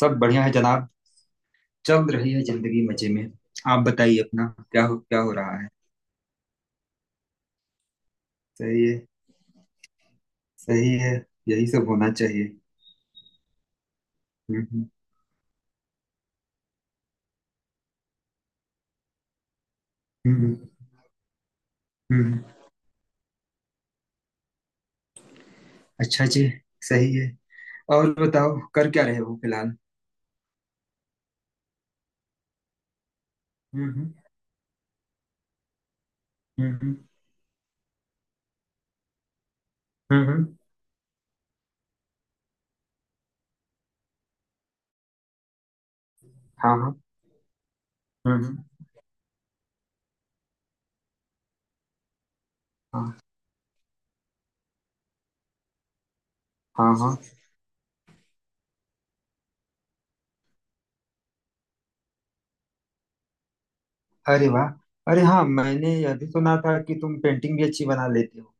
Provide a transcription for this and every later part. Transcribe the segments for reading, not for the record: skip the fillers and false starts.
सब बढ़िया है जनाब। चल रही है जिंदगी मजे में। आप बताइए अपना क्या हो रहा है। सही है। सही है। यही सब होना चाहिए। हम्म, हम्म, हम्म, हम्म। अच्छा जी। सही है। और बताओ कर क्या रहे हो फिलहाल। हम्म, हम्म, हम्म, हाँ, हाँ। हम्म, हाँ, हाँ, हाँ। अरे वाह। अरे हाँ, मैंने यह भी सुना था कि तुम पेंटिंग भी अच्छी बना लेते हो।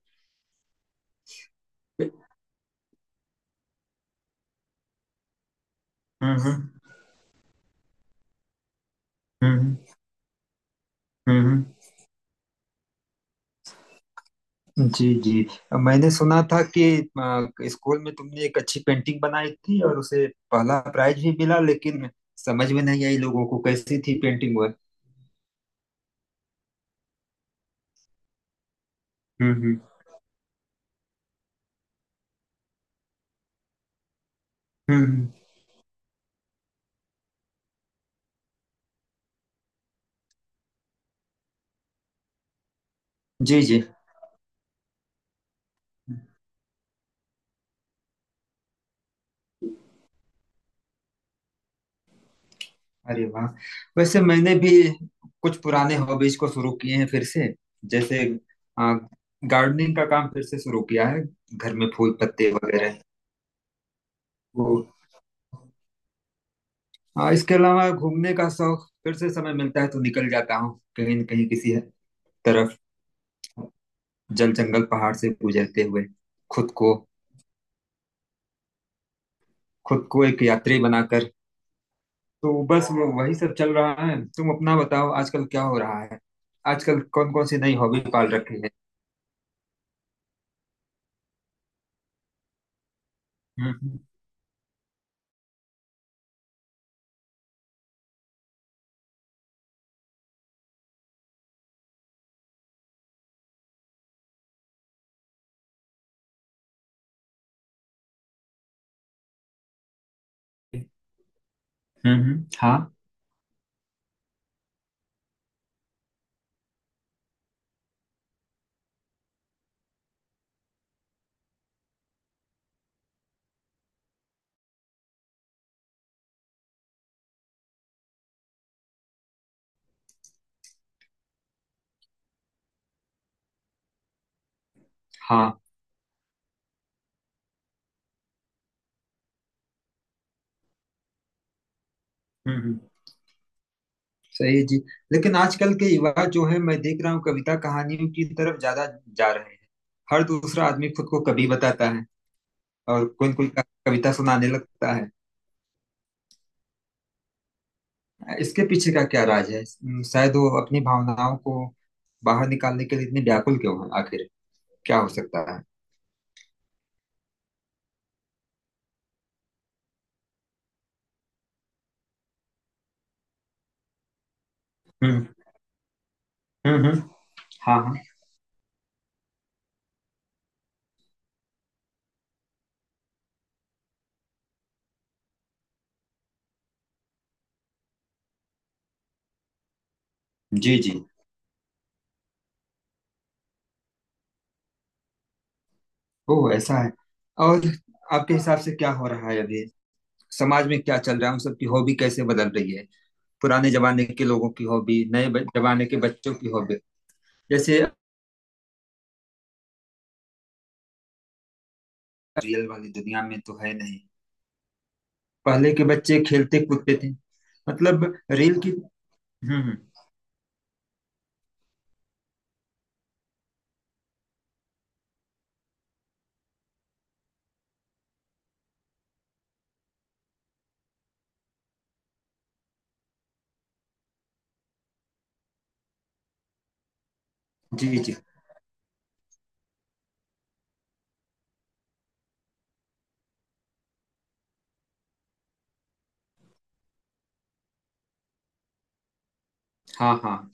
हम्म, हम्म, हम्म, हम्म, जी, जी। मैंने सुना था कि स्कूल में तुमने एक अच्छी पेंटिंग बनाई थी और उसे पहला प्राइज भी मिला, लेकिन समझ में नहीं आई लोगों को कैसी थी पेंटिंग वह। हम्म, हम्म, हम्म, हम्म। जी जी। अरे वाह। वैसे मैंने भी कुछ पुराने हॉबीज को शुरू किए हैं फिर से, जैसे आ, गार्डनिंग का काम फिर से शुरू किया है। घर में फूल पत्ते वगैरह। वो हाँ, इसके अलावा घूमने का शौक, फिर से समय मिलता है तो निकल जाता हूँ कहीं न कहीं किसी तरफ, जल जंगल पहाड़ से गुजरते हुए, खुद को खुद को एक यात्री बनाकर। तो बस वो वही सब चल रहा है। तुम अपना बताओ आजकल क्या हो रहा है। आजकल कौन कौन सी नई हॉबी पाल रखी है। हम्म, हम्म, हाँ, हाँ। हम्म, सही है जी। लेकिन आजकल के युवा जो है मैं देख रहा हूँ कविता कहानियों की तरफ ज्यादा जा रहे हैं। हर दूसरा आदमी खुद को कवि बताता है और कोई कोई कविता सुनाने लगता है। इसके पीछे का क्या राज है, शायद वो अपनी भावनाओं को बाहर निकालने के लिए इतनी व्याकुल क्यों है आखिर, क्या हो सकता है। हम्म, हम्म, हाँ, हाँ, जी जी। ओ, ऐसा है। और आपके हिसाब से क्या हो रहा है अभी, समाज में क्या चल रहा है, उन सबकी हॉबी कैसे बदल रही है। पुराने जमाने के लोगों की हॉबी, नए जमाने के बच्चों की हॉबी। जैसे, रियल वाली दुनिया में तो है नहीं। पहले के बच्चे खेलते कूदते थे। मतलब रील की। हम्म, जी जी। हाँ, हाँ।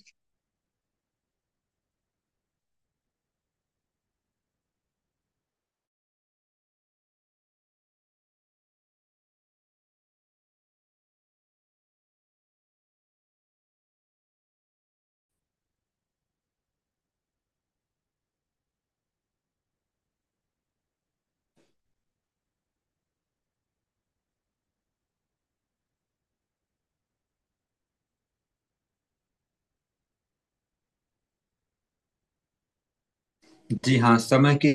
जी हाँ, समय की।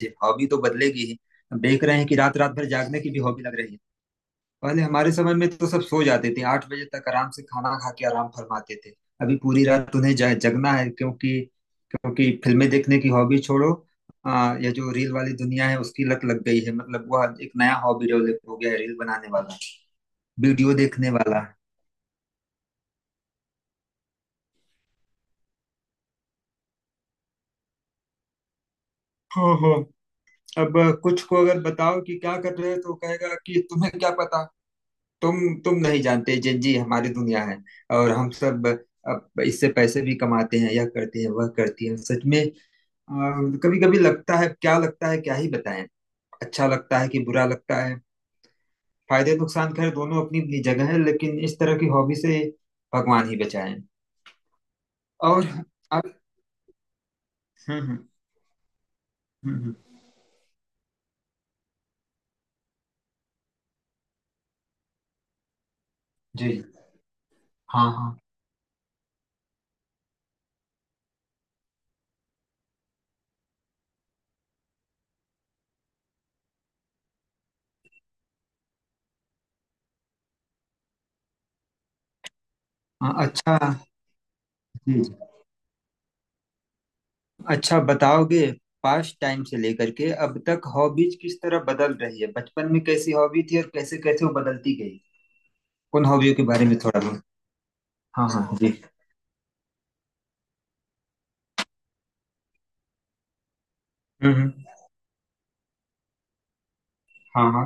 जी, हॉबी तो बदलेगी ही। हम देख रहे हैं कि रात रात भर जागने की भी हॉबी लग रही है। पहले हमारे समय में तो सब सो जाते थे 8 बजे तक, आराम से खाना खा के आराम फरमाते थे। अभी पूरी रात उन्हें जगना है क्योंकि क्योंकि फिल्में देखने की हॉबी छोड़ो, यह जो रील वाली दुनिया है उसकी लत लग गई है, मतलब वह एक नया हॉबी डेवलप हो गया है, रील बनाने वाला वीडियो देखने वाला। हो हो। अब कुछ को अगर बताओ कि क्या कर रहे हो तो कहेगा कि तुम्हें क्या पता, तुम तुम नहीं जानते, जेनजी हमारी दुनिया है और हम सब अब इससे पैसे भी कमाते हैं, यह करते हैं वह करती हैं, सच में। कभी कभी लगता है क्या लगता है, क्या ही बताएं। अच्छा लगता है कि बुरा लगता है। फायदे नुकसान खैर दोनों अपनी अपनी जगह है, लेकिन इस तरह की हॉबी से भगवान ही बचाएं। और अब हम्म, हम्म, हम्म, हम्म, जी, हाँ, हाँ, हाँ, अच्छा जी। अच्छा बताओगे, पास्ट टाइम से लेकर के अब तक हॉबीज किस तरह बदल रही है, बचपन में कैसी हॉबी थी और कैसे कैसे वो बदलती गई, उन हॉबियों के बारे में थोड़ा बहुत। हाँ, हाँ जी। हम्म, हाँ, हाँ।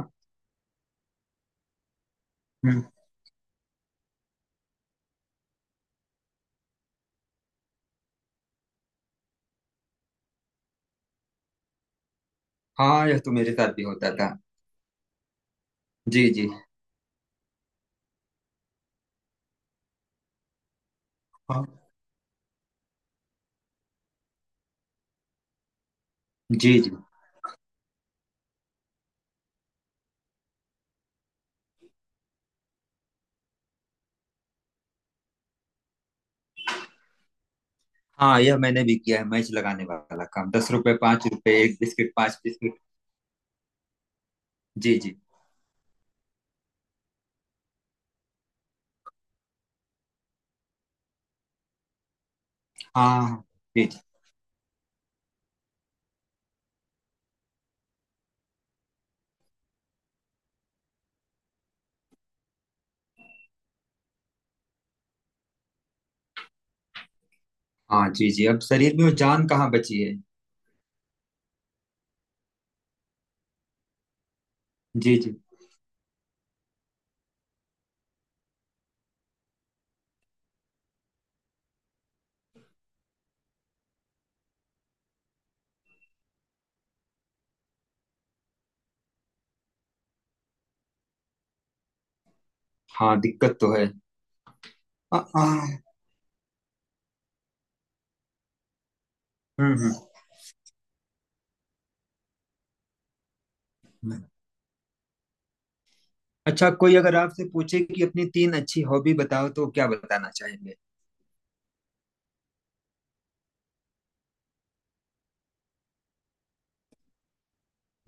हम्म, हाँ, यह तो मेरे साथ भी होता था। जी जी। हाँ, जी जी। हाँ, यह मैंने भी किया है मैच लगाने वाला काम, 10 रुपए 5 रुपए, एक बिस्किट पांच बिस्किट। जी जी। हाँ, हाँ, जी जी। हाँ, जी जी, अब शरीर में वो जान कहाँ बची है। जी जी। हाँ, दिक्कत तो है। आ, आ, हम्म, हम्म। अच्छा, कोई अगर आपसे पूछे कि अपनी तीन अच्छी हॉबी बताओ तो क्या बताना चाहेंगे।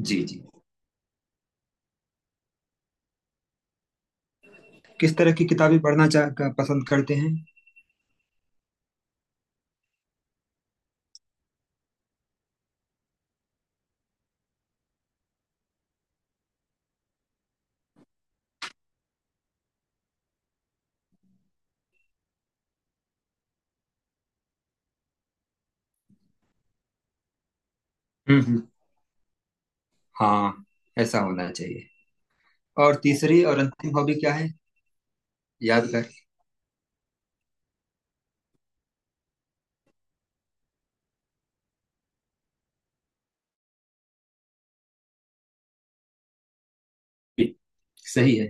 जी जी। किस तरह की किताबें पढ़ना चाह पसंद करते हैं। हम्म, हाँ, ऐसा होना चाहिए। और तीसरी और अंतिम हॉबी क्या है। याद कर। जी, सही है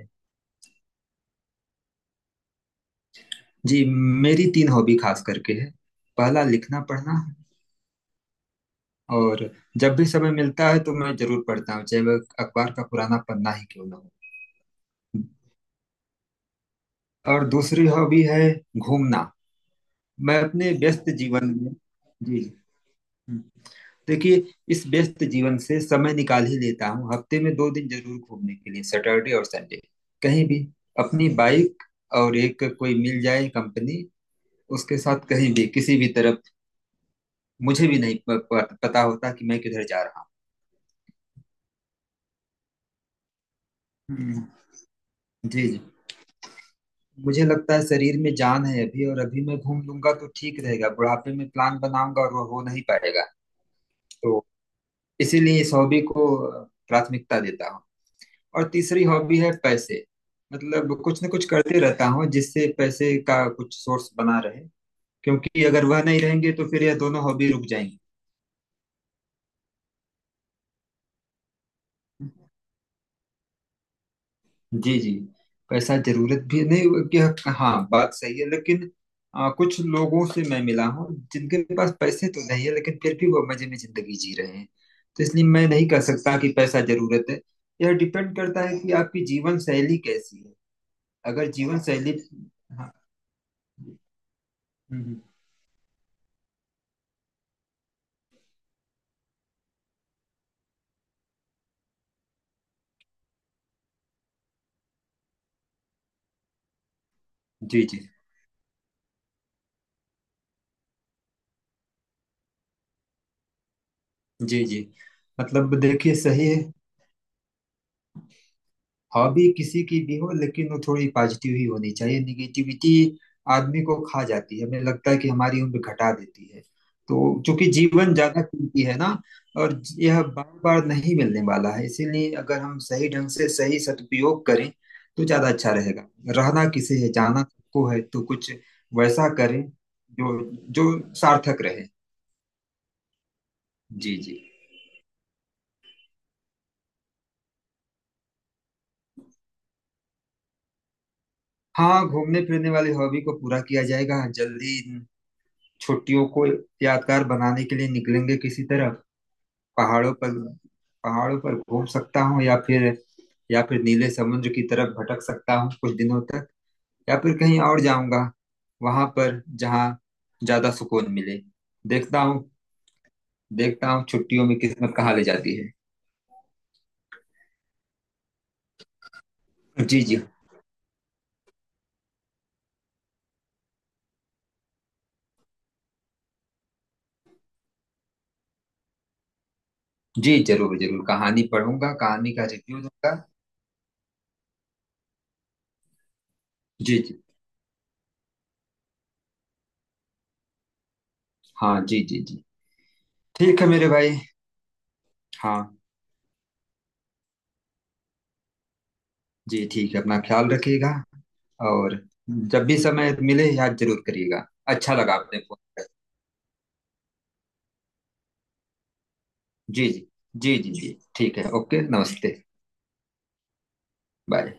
जी। मेरी तीन हॉबी खास करके है। पहला लिखना पढ़ना है, और जब भी समय मिलता है तो मैं जरूर पढ़ता हूँ, चाहे वह अखबार का पुराना पन्ना ही क्यों ना हो। और दूसरी हॉबी है घूमना। मैं अपने व्यस्त जीवन में, जी जी, हम्म। देखिए, इस व्यस्त जीवन से समय निकाल ही लेता हूँ हफ्ते में 2 दिन जरूर घूमने के लिए, सैटरडे और संडे, कहीं भी, अपनी बाइक और एक कोई मिल जाए कंपनी, उसके साथ कहीं भी किसी भी तरफ। मुझे भी नहीं प, प, पता होता कि मैं किधर जा रहा हूँ। हम्म, जी जी। मुझे लगता है शरीर में जान है अभी, और अभी मैं घूम लूंगा तो ठीक रहेगा, बुढ़ापे में प्लान बनाऊंगा और वो हो नहीं पाएगा। तो इसीलिए इस हॉबी को प्राथमिकता देता हूँ। और तीसरी हॉबी है पैसे। मतलब कुछ न कुछ करते रहता हूँ जिससे पैसे का कुछ सोर्स बना रहे, क्योंकि अगर वह नहीं रहेंगे तो फिर यह दोनों हॉबी रुक जाएंगी। जी जी। पैसा जरूरत भी नहीं कि, हाँ बात सही है, लेकिन कुछ लोगों से मैं मिला हूँ जिनके पास पैसे तो नहीं है लेकिन फिर भी वो मजे में जिंदगी जी रहे हैं। तो इसलिए मैं नहीं कह सकता कि पैसा जरूरत है। यह डिपेंड करता है कि आपकी जीवन शैली कैसी है। अगर जीवन शैली, हाँ, हम्म, हम्म, जी जी जी जी। मतलब देखिए सही है, हॉबी किसी की भी हो, लेकिन वो थोड़ी पॉजिटिव ही होनी चाहिए। निगेटिविटी आदमी को खा जाती है, हमें लगता है कि हमारी उम्र घटा देती है। तो चूंकि जीवन ज्यादा कीमती है ना, और यह बार बार नहीं मिलने वाला है, इसीलिए अगर हम सही ढंग से सही सदुपयोग करें तो ज्यादा अच्छा रहेगा। रहना किसे है, जाना सबको है, तो कुछ वैसा करें जो जो सार्थक रहे। जी जी। हाँ, घूमने फिरने वाली हॉबी को पूरा किया जाएगा जल्दी, छुट्टियों को यादगार बनाने के लिए निकलेंगे किसी तरफ। पहाड़ों पर पहाड़ों पर घूम सकता हूँ, या फिर नीले समुद्र की तरफ भटक सकता हूँ कुछ दिनों तक, या फिर कहीं और जाऊंगा वहां पर जहाँ ज्यादा सुकून मिले। देखता हूँ। देखता हूँ छुट्टियों में किस्मत कहाँ ले जाती है। जी, जी जी जरूर जरूर कहानी पढ़ूंगा, कहानी का रिव्यू दूंगा। जी जी, हाँ, जी जी जी, ठीक है मेरे भाई। हाँ, जी ठीक है, अपना ख्याल रखिएगा, और जब भी समय मिले याद जरूर करिएगा। अच्छा लगा आपने फोन किया। जी, जी जी जी जी, ठीक है, ओके, नमस्ते, बाय।